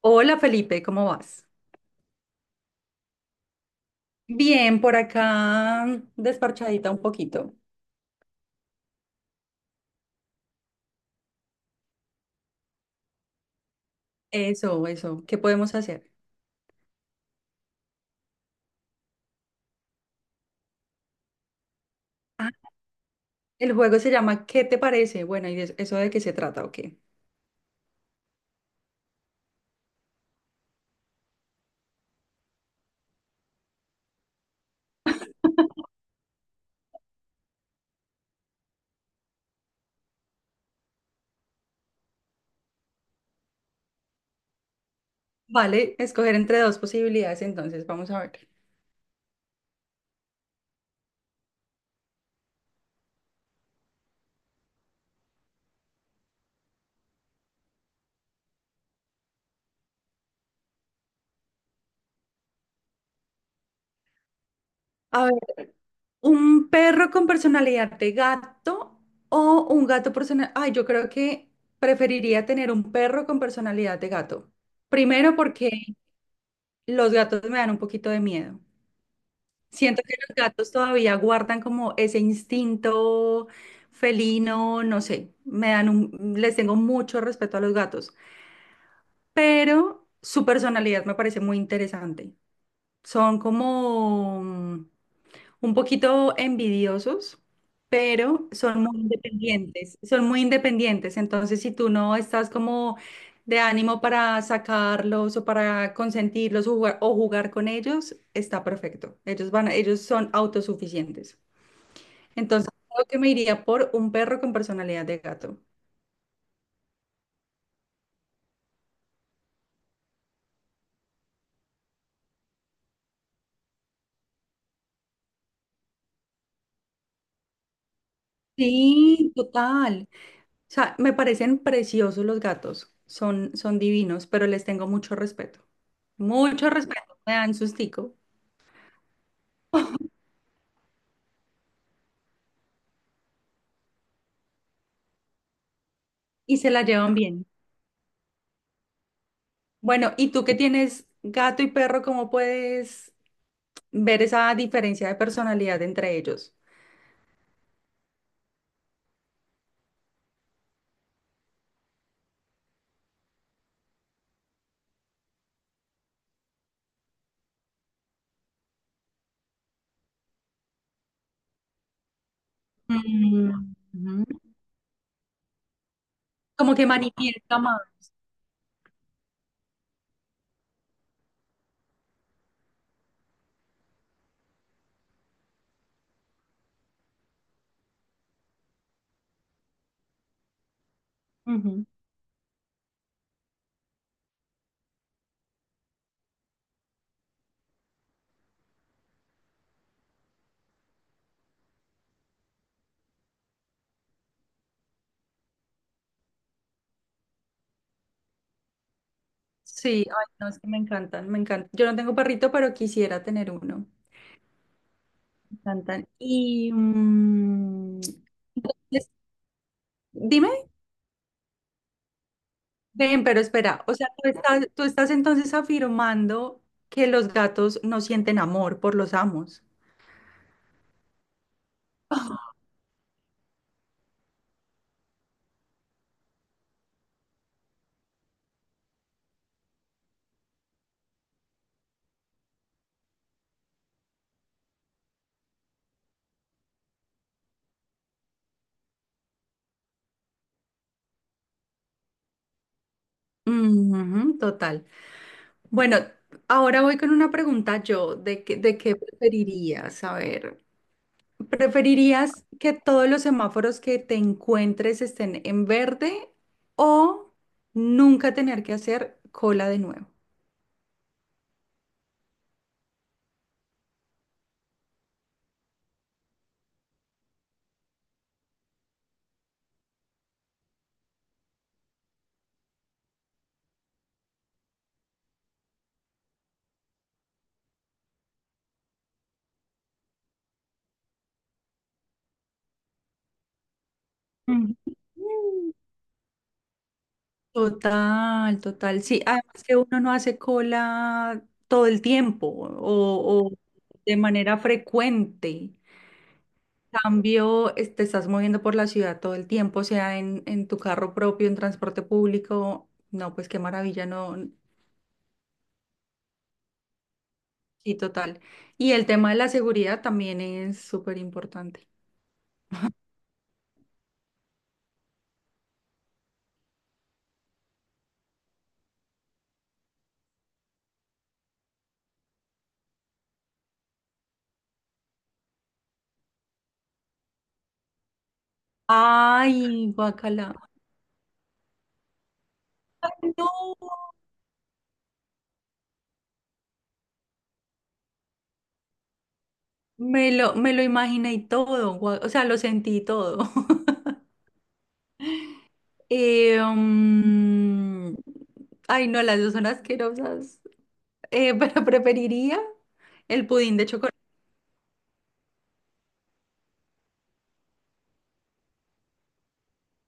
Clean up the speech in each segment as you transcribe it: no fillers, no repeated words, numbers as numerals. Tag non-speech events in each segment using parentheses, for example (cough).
Hola Felipe, ¿cómo vas? Bien, por acá desparchadita un poquito. Eso, ¿qué podemos hacer? Ah, el juego se llama ¿qué te parece? Bueno, ¿y eso de qué se trata o qué? Vale, escoger entre dos posibilidades, entonces vamos a ver. A ver, ¿un perro con personalidad de gato o un gato personal? Ay, yo creo que preferiría tener un perro con personalidad de gato. Primero porque los gatos me dan un poquito de miedo. Siento que los gatos todavía guardan como ese instinto felino, no sé, me dan un, les tengo mucho respeto a los gatos, pero su personalidad me parece muy interesante. Son como un poquito envidiosos, pero son muy independientes, son muy independientes. Entonces, si tú no estás como de ánimo para sacarlos o para consentirlos o jugar con ellos, está perfecto. Ellos van, ellos son autosuficientes. Entonces, creo que me iría por un perro con personalidad de gato. Sí, total. O sea, me parecen preciosos los gatos. Son, son divinos, pero les tengo mucho respeto. Mucho respeto. Me dan sustico. Y se la llevan bien. Bueno, ¿y tú que tienes gato y perro, cómo puedes ver esa diferencia de personalidad entre ellos? Mm, ujú. Como que manifiesta más. Ujú. Sí, ay, no, es que me encantan, me encantan. Yo no tengo perrito, pero quisiera tener uno. Me encantan. Y entonces, dime, ven, pero espera, o sea, tú estás entonces afirmando que los gatos no sienten amor por los amos. (laughs) Ujú, total. Bueno, ahora voy con una pregunta yo, ¿de qué preferirías? A ver, ¿preferirías que todos los semáforos que te encuentres estén en verde o nunca tener que hacer cola de nuevo? Mm. Total, total. Sí, además que uno no hace cola todo el tiempo o de manera frecuente. Cambio, te estás moviendo por la ciudad todo el tiempo, sea en tu carro propio, en transporte público. No, pues qué maravilla, no. Sí, total. Y el tema de la seguridad también es súper importante. Ay, guacala. No, me lo imaginé y todo, o sea, lo sentí y todo. (laughs) Eh, mm, ay, no, las dos son asquerosas. (laughs) Pero preferiría el pudín de chocolate.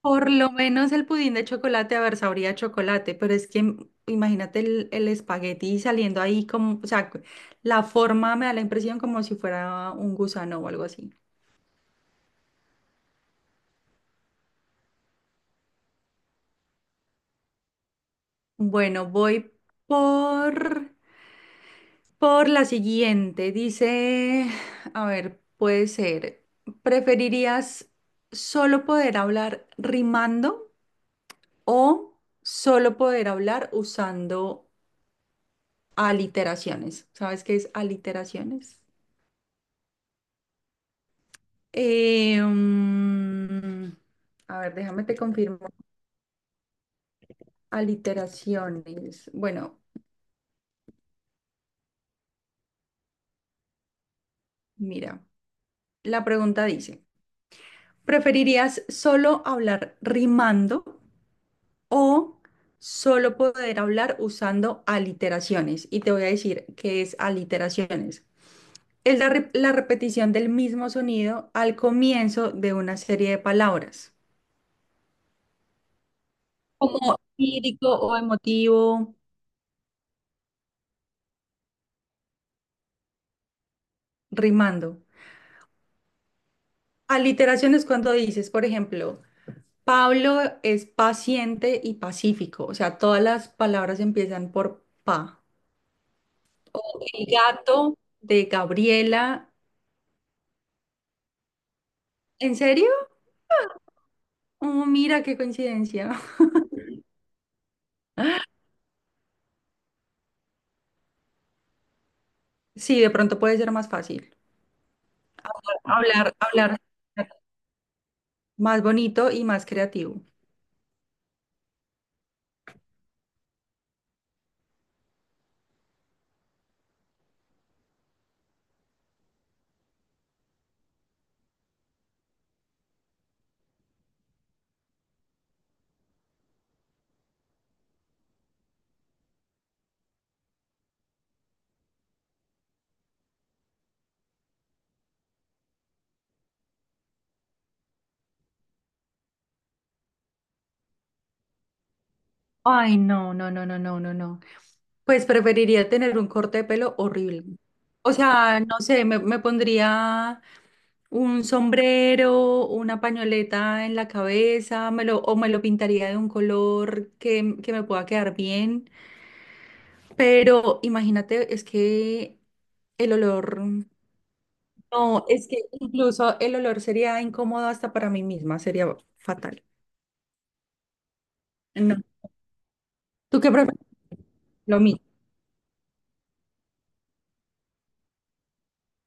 Por lo menos el pudín de chocolate, a ver, sabría a chocolate, pero es que imagínate el espagueti saliendo ahí como, o sea, la forma me da la impresión como si fuera un gusano o algo así. Bueno, voy por, por la siguiente. Dice, a ver, puede ser, ¿preferirías solo poder hablar rimando o solo poder hablar usando aliteraciones? ¿Sabes qué es aliteraciones? Eh, mm, a ver, déjame te confirmo. Aliteraciones. Bueno, mira, la pregunta dice, ¿preferirías solo hablar rimando o solo poder hablar usando aliteraciones? Y te voy a decir qué es aliteraciones. Es la repetición del mismo sonido al comienzo de una serie de palabras, como lírico o emotivo, rimando. Aliteración es cuando dices, por ejemplo, Pablo es paciente y pacífico, o sea, todas las palabras empiezan por pa. El gato de Gabriela, ¿en serio? Oh, mira qué coincidencia. (laughs) Sí, de pronto puede ser más fácil. Hablar, hablar más bonito y más creativo. Ay, no, no, no, no, no, no, no. Pues preferiría tener un corte de pelo horrible. O sea, no sé, me pondría un sombrero, una pañoleta en la cabeza, o me lo pintaría de un color que me pueda quedar bien. Pero imagínate, es que el olor, no, es que incluso el olor sería incómodo hasta para mí misma, sería fatal. No. ¿Tú qué prefieres? Lo mismo.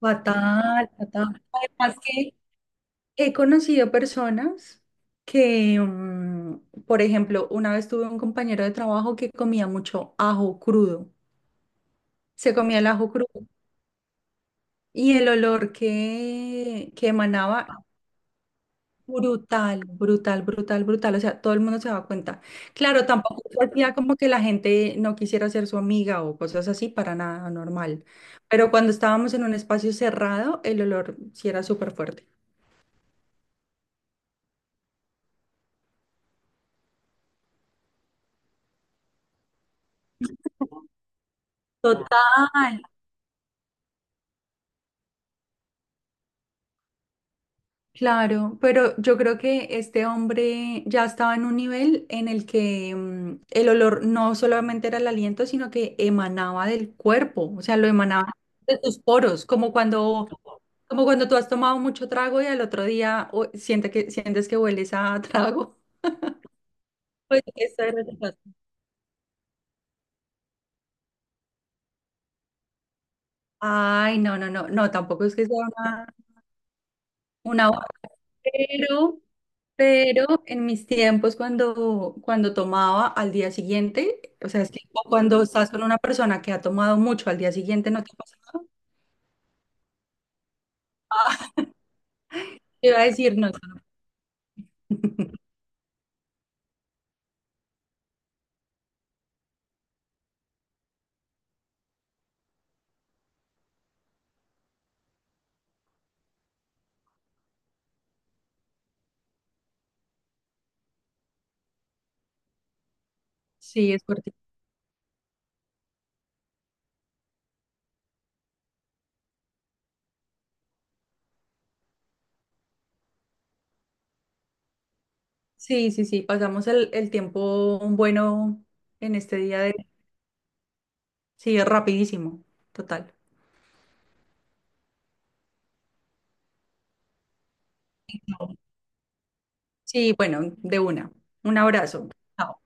Fatal, fatal. Además que he conocido personas que, por ejemplo, una vez tuve un compañero de trabajo que comía mucho ajo crudo. Se comía el ajo crudo y el olor que emanaba, brutal, brutal, brutal, brutal. O sea, todo el mundo se daba cuenta. Claro, tampoco se hacía como que la gente no quisiera ser su amiga o cosas así, para nada normal. Pero cuando estábamos en un espacio cerrado, el olor sí era súper fuerte. Total. Claro, pero yo creo que este hombre ya estaba en un nivel en el que el olor no solamente era el aliento, sino que emanaba del cuerpo, o sea, lo emanaba de tus poros, como cuando tú has tomado mucho trago y al otro día siente sientes que hueles a trago. (laughs) Pues eso era lo que pasó. Ay, no, no, no, no, tampoco es que sea una, barra, pero. Pero en mis tiempos cuando tomaba al día siguiente, o sea, es que cuando estás con una persona que ha tomado mucho al día siguiente, no te pasa. Te iba a decir, no, (laughs) sí, es fuerte. Sí, sí, sí, pasamos el tiempo bueno en este día de... Sí, es rapidísimo, total. No. Sí, bueno, de una. Un abrazo. Chao.